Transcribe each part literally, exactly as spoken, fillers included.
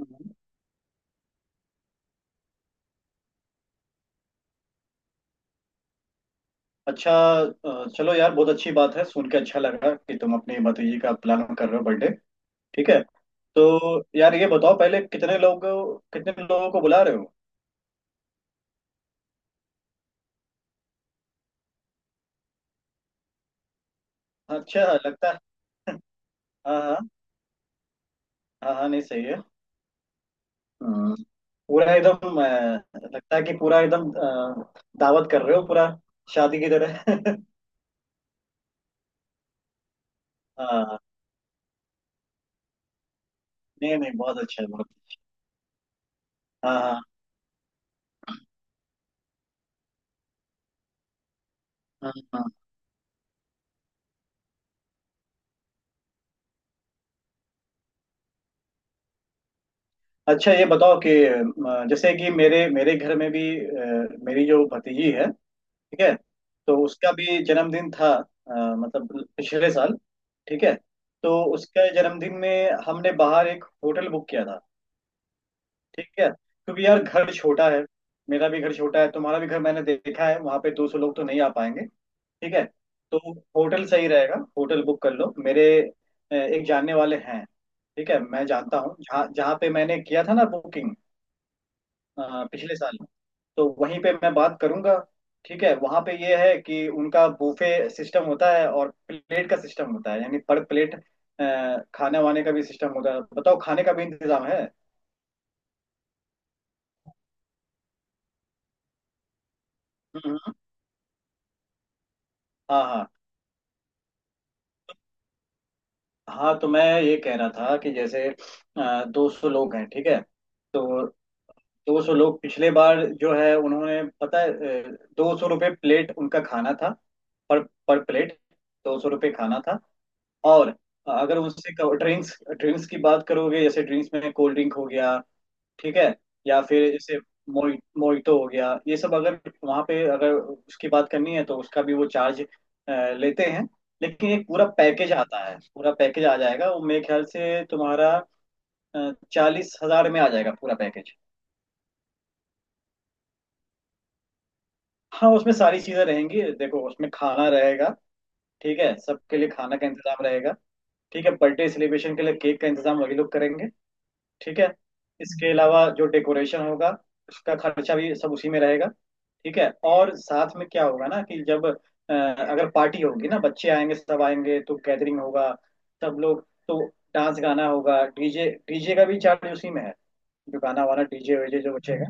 हम्म। अच्छा, अ, चलो यार, बहुत अच्छी बात है, सुन के अच्छा लगा कि तुम अपनी भतीजी का प्लान कर रहे हो बर्थडे। ठीक है। तो यार ये बताओ, पहले कितने लोग, कितने लोगों को बुला रहे हो? अच्छा लगता है। हाँ हाँ। हाँ हाँ, नहीं सही है। हम्म, पूरा एकदम अ, लगता है कि पूरा एकदम अ, दावत कर रहे हो, पूरा शादी की तरह। हाँ, नहीं नहीं, बहुत अच्छा है, बहुत अच्छा। हाँ हाँ। हाँ हाँ। अच्छा, ये बताओ कि अ, जैसे कि मेरे मेरे घर में भी अ, मेरी जो भतीजी है, ठीक है, तो उसका भी जन्मदिन था, अ, मतलब पिछले साल। ठीक है, तो उसका जन्मदिन में हमने बाहर एक होटल बुक किया था। ठीक है, क्योंकि यार घर छोटा है। मेरा भी घर छोटा है, तुम्हारा भी घर मैंने देखा है, वहां पे दो सौ लोग तो नहीं आ पाएंगे। ठीक है। तो होटल सही रहेगा, होटल बुक कर लो। मेरे अ, एक जानने वाले हैं, ठीक है, मैं जानता हूँ, जहाँ जहाँ पे मैंने किया था ना बुकिंग अ, पिछले साल, तो वहीं पे मैं बात करूंगा। ठीक है, वहां पे ये है कि उनका बूफे सिस्टम होता है और प्लेट का सिस्टम होता है, यानी पर प्लेट खाने वाने का भी सिस्टम होता है। बताओ, खाने का भी इंतजाम है। हम्म, हाँ हाँ। हाँ, तो मैं ये कह रहा था कि जैसे दो सौ लोग हैं, ठीक है? तो दो सौ लोग पिछले बार जो है उन्होंने, पता है, दो सौ रुपये प्लेट उनका खाना था। पर पर प्लेट दो सौ रुपये खाना था। और अगर उससे ड्रिंक्स ड्रिंक्स की बात करोगे, जैसे ड्रिंक्स में कोल्ड ड्रिंक हो गया, ठीक है, या फिर जैसे मोइ मोइटो हो गया, ये सब अगर वहाँ पे, अगर उसकी बात करनी है तो उसका भी वो चार्ज अ, लेते हैं। लेकिन एक पूरा पैकेज आता है, पूरा पैकेज आ जाएगा वो, मेरे ख्याल से तुम्हारा चालीस हजार में आ जाएगा पूरा पैकेज। हाँ, उसमें सारी चीजें रहेंगी। देखो, उसमें खाना रहेगा, ठीक है, सबके लिए खाना का इंतजाम रहेगा। ठीक है, बर्थडे सेलिब्रेशन के लिए केक का इंतजाम वही लोग करेंगे। ठीक है, इसके अलावा जो डेकोरेशन होगा, उसका खर्चा भी सब उसी में रहेगा। ठीक है, और साथ में क्या होगा ना कि जब अ, अगर पार्टी होगी ना, बच्चे आएंगे, सब आएंगे, तो गैदरिंग होगा सब लोग, तो डांस गाना होगा, डीजे डीजे का भी चार्ज उसी में है। जो गाना वाना, डीजे वीजे जो बचेगा।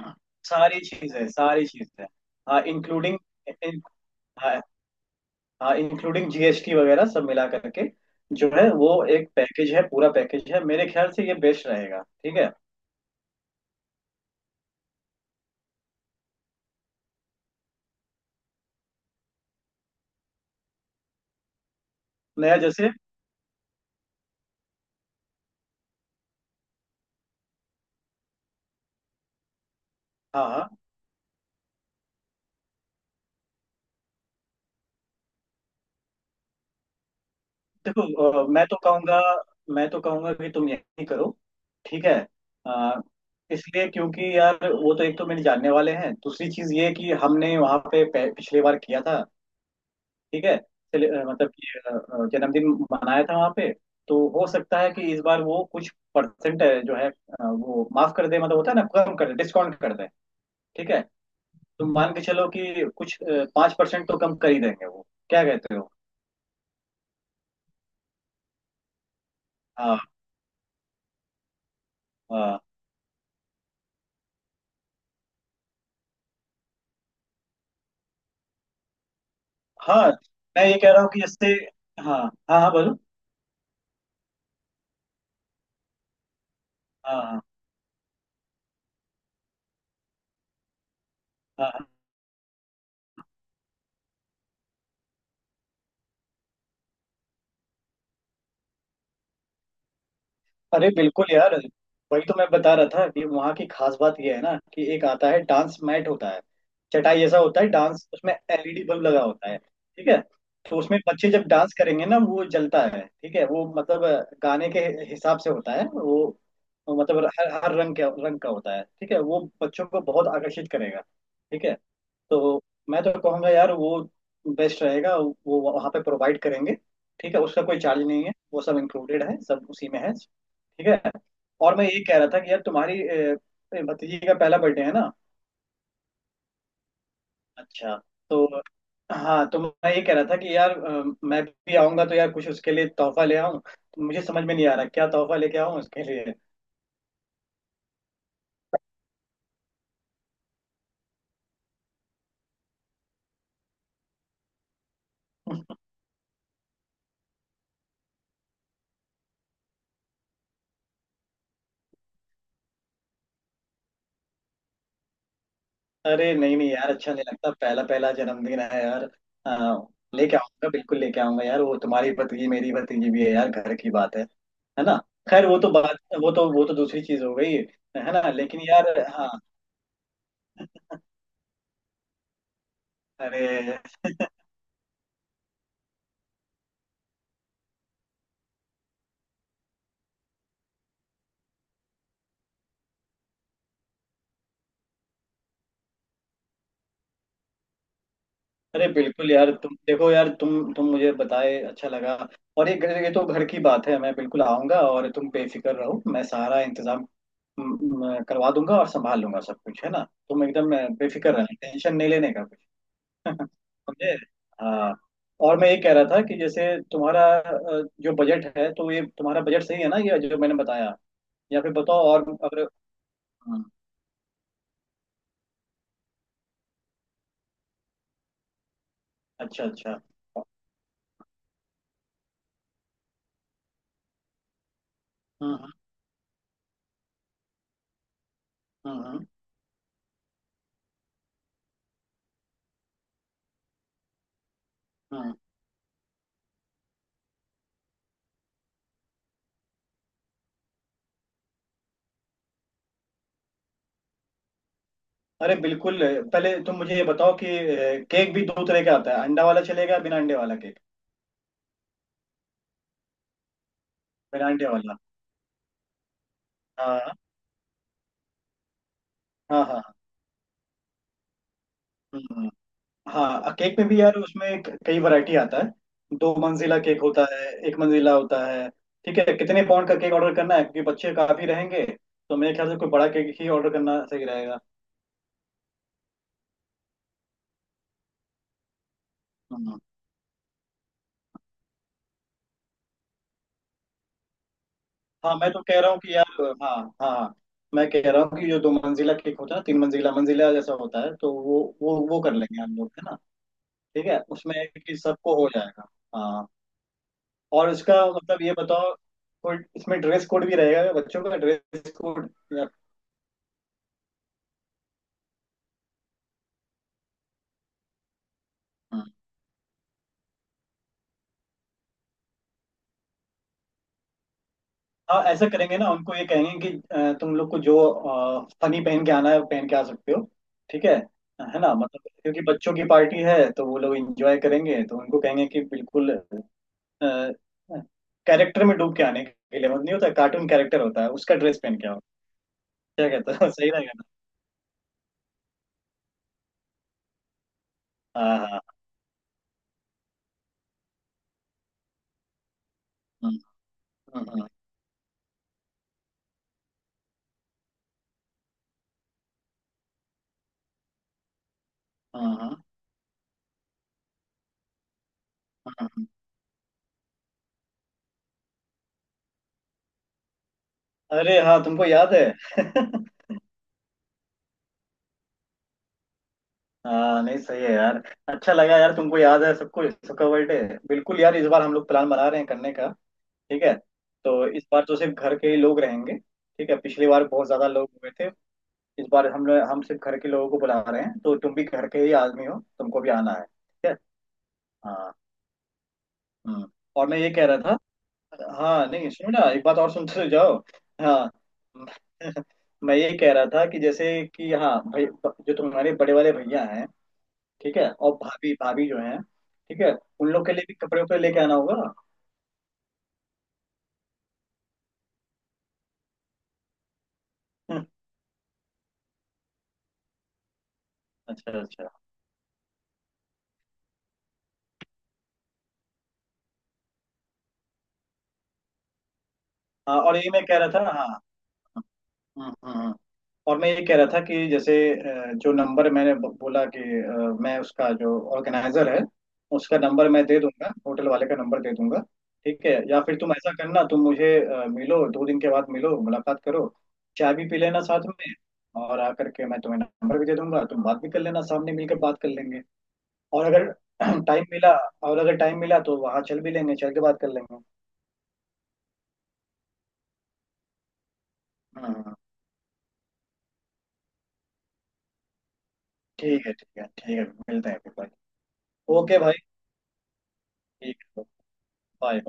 हाँ, सारी चीज है, सारी चीज है। हाँ, इंक्लूडिंग, हाँ, इंक्लूडिंग जीएसटी वगैरह सब मिला करके जो है वो एक पैकेज है, पूरा पैकेज है, मेरे ख्याल से ये बेस्ट रहेगा। ठीक है? नया जैसे? हाँ हाँ। देखो अ, मैं तो कहूँगा, मैं तो कहूँगा कि तुम यही करो। ठीक है, अ, इसलिए क्योंकि यार वो तो, एक तो मेरे जानने वाले हैं, दूसरी चीज ये है कि हमने वहाँ पे पह- पिछले बार किया था, ठीक है, चले- अ, मतलब कि अ, अ, जन्मदिन मनाया था वहाँ पे। तो हो सकता है कि इस बार वो कुछ परसेंट जो है अ, वो माफ कर दे, मतलब होता है ना, कम कर दे, डिस्काउंट कर दे। ठीक है, तुम मान के चलो कि कुछ पांच परसेंट तो कम कर ही देंगे वो। क्या कहते हो? हाँ हाँ। हाँ, मैं ये कह रहा हूँ कि जैसे, हाँ हाँ, हाँ बोलो। हाँ हाँ। हाँ हाँ। अरे बिल्कुल यार, वही तो मैं बता रहा था कि वहाँ की खास बात ये है ना कि एक आता है डांस मैट होता है, चटाई ऐसा होता है डांस, उसमें एलईडी बल्ब लगा होता है। ठीक है, तो उसमें बच्चे जब डांस करेंगे ना वो जलता है। ठीक है, वो मतलब गाने के हिसाब से होता है वो, मतलब हर हर रंग के रंग का होता है। ठीक है, वो बच्चों को बहुत आकर्षित करेगा। ठीक है। तो मैं तो कहूँगा यार वो बेस्ट रहेगा, वो वहाँ पे प्रोवाइड करेंगे। ठीक है, उसका कोई चार्ज नहीं है, वो सब इंक्लूडेड है, सब उसी में है। ठीक है। और मैं ये कह रहा था कि यार, तुम्हारी अ, भतीजी का पहला बर्थडे है ना। अच्छा। तो, हाँ, तो मैं ये कह रहा था कि यार अ, मैं भी आऊँगा तो यार कुछ उसके लिए तोहफा ले आऊँ, तो मुझे समझ में नहीं आ रहा क्या तोहफा लेके आऊँ उसके लिए। अरे नहीं नहीं यार, अच्छा नहीं लगता, पहला पहला जन्मदिन है यार। आ, लेके आऊंगा, बिल्कुल लेके आऊंगा यार, वो तुम्हारी भतीजी मेरी भतीजी भी है यार, घर की बात है है ना। खैर, वो तो बात, वो तो, वो तो दूसरी चीज हो गई। है ना, लेकिन यार, हाँ। अरे, अरे बिल्कुल यार, तुम देखो यार, तुम तुम मुझे बताए, अच्छा लगा। और ये घर- ये तो घर की बात है, मैं बिल्कुल आऊंगा, और तुम बेफिक्र रहो, मैं सारा इंतजाम म, म, करवा दूंगा और संभाल लूंगा सब कुछ, है ना। तुम एकदम अ, बेफिक्र रहना, टेंशन नहीं लेने का। समझे? हाँ, और मैं ये कह रहा था कि जैसे, तुम्हारा अ, जो बजट है, तो ये तुम्हारा बजट सही है ना ये जो मैंने बताया? या फिर बताओ और अगर, हम्म, अच्छा अच्छा। हम्म हम्म, हम्म। हम्म। अरे बिल्कुल, पहले तुम मुझे ये बताओ कि अ, केक भी दो तरह का आता है, अंडा वाला चलेगा, बिना अंडे वाला केक? बिना अंडे वाला। हाँ हाँ। हाँ हाँ। हम्म। हाँ, केक में भी यार उसमें क- कई वैरायटी आता है, दो मंजिला केक होता है, एक मंजिला होता है। ठीक है, कितने पाउंड का केक ऑर्डर करना है, क्योंकि बच्चे काफी रहेंगे, तो मेरे ख्याल से कोई बड़ा केक ही ऑर्डर करना सही रहेगा। हम्म। हाँ, मैं तो कह रहा हूँ कि यार, हाँ हाँ हाँ, मैं कह रहा हूँ कि जो दो मंजिला केक होता है ना, तीन मंजिला मंजिला जैसा होता है, तो वो वो वो कर लेंगे हम लोग, है ना। ठीक है, उसमें कि सबको हो जाएगा। हाँ, और इसका मतलब ये बताओ, कोई इसमें ड्रेस कोड भी रहेगा, बच्चों का ड्रेस कोड? हाँ, ऐसा करेंगे ना, उनको ये कहेंगे कि अ, तुम लोग को जो फनी पहन के आना है वो पहन के आ सकते हो। ठीक है है ना, मतलब क्योंकि बच्चों की पार्टी है तो वो लोग एंजॉय करेंगे, तो उनको कहेंगे कि बिल्कुल कैरेक्टर में डूब के आने के लिए, मतलब नहीं होता, कार्टून कैरेक्टर होता है, उसका ड्रेस पहन के आओ। क्या कहते हो? सही रहेगा ना? हाँ हाँ। हाँ हाँ। हाँ हाँ, हाँ, हाँ। हाँ। अरे हाँ, तुमको याद है? हाँ, नहीं सही है यार, अच्छा लगा यार तुमको याद है सबको सबका बर्थडे। बिल्कुल यार, इस बार हम लोग प्लान बना रहे हैं करने का। ठीक है, तो इस बार तो सिर्फ घर के ही लोग रहेंगे। ठीक है, पिछली बार बहुत ज्यादा लोग हुए थे, इस बार हम हम सिर्फ घर के लोगों को बुला रहे हैं, तो तुम भी घर के ही आदमी हो, तुमको भी आना है। ठीक है। हाँ। हम्म और मैं ये कह रहा था, हाँ, नहीं सुनो ना, एक बात और सुनते जाओ। हाँ। मैं ये कह रहा था कि जैसे, कि हाँ भाई, जो तुम्हारे बड़े वाले भैया हैं, ठीक है, और भाभी, भाभी जो हैं, ठीक है, उन लोग के लिए भी कपड़े वपड़े लेके आना होगा। अच्छा अच्छा। हाँ, और ये मैं कह रहा था, हाँ हाँ। हाँ। हाँ। और मैं ये कह रहा था कि जैसे अ, जो नंबर मैंने ब- बोला कि अ, मैं उसका, जो ऑर्गेनाइजर है उसका नंबर मैं दे दूंगा, होटल वाले का नंबर दे दूंगा। ठीक है, या फिर तुम ऐसा करना, तुम मुझे अ, मिलो, दो दिन के बाद मिलो, मुलाकात करो, चाय भी पी लेना साथ में, और आकर के मैं तुम्हें नंबर भी दे दूंगा, तुम बात भी कर लेना, सामने मिलकर बात कर लेंगे। और अगर टाइम मिला, और अगर टाइम मिला तो वहां चल भी लेंगे, चल के बात कर लेंगे। हाँ हाँ। हाँ। ठीक है, ठीक है, ठीक है, मिलते हैं फिर भाई। ओके भाई। ठीक है, बाय बाय।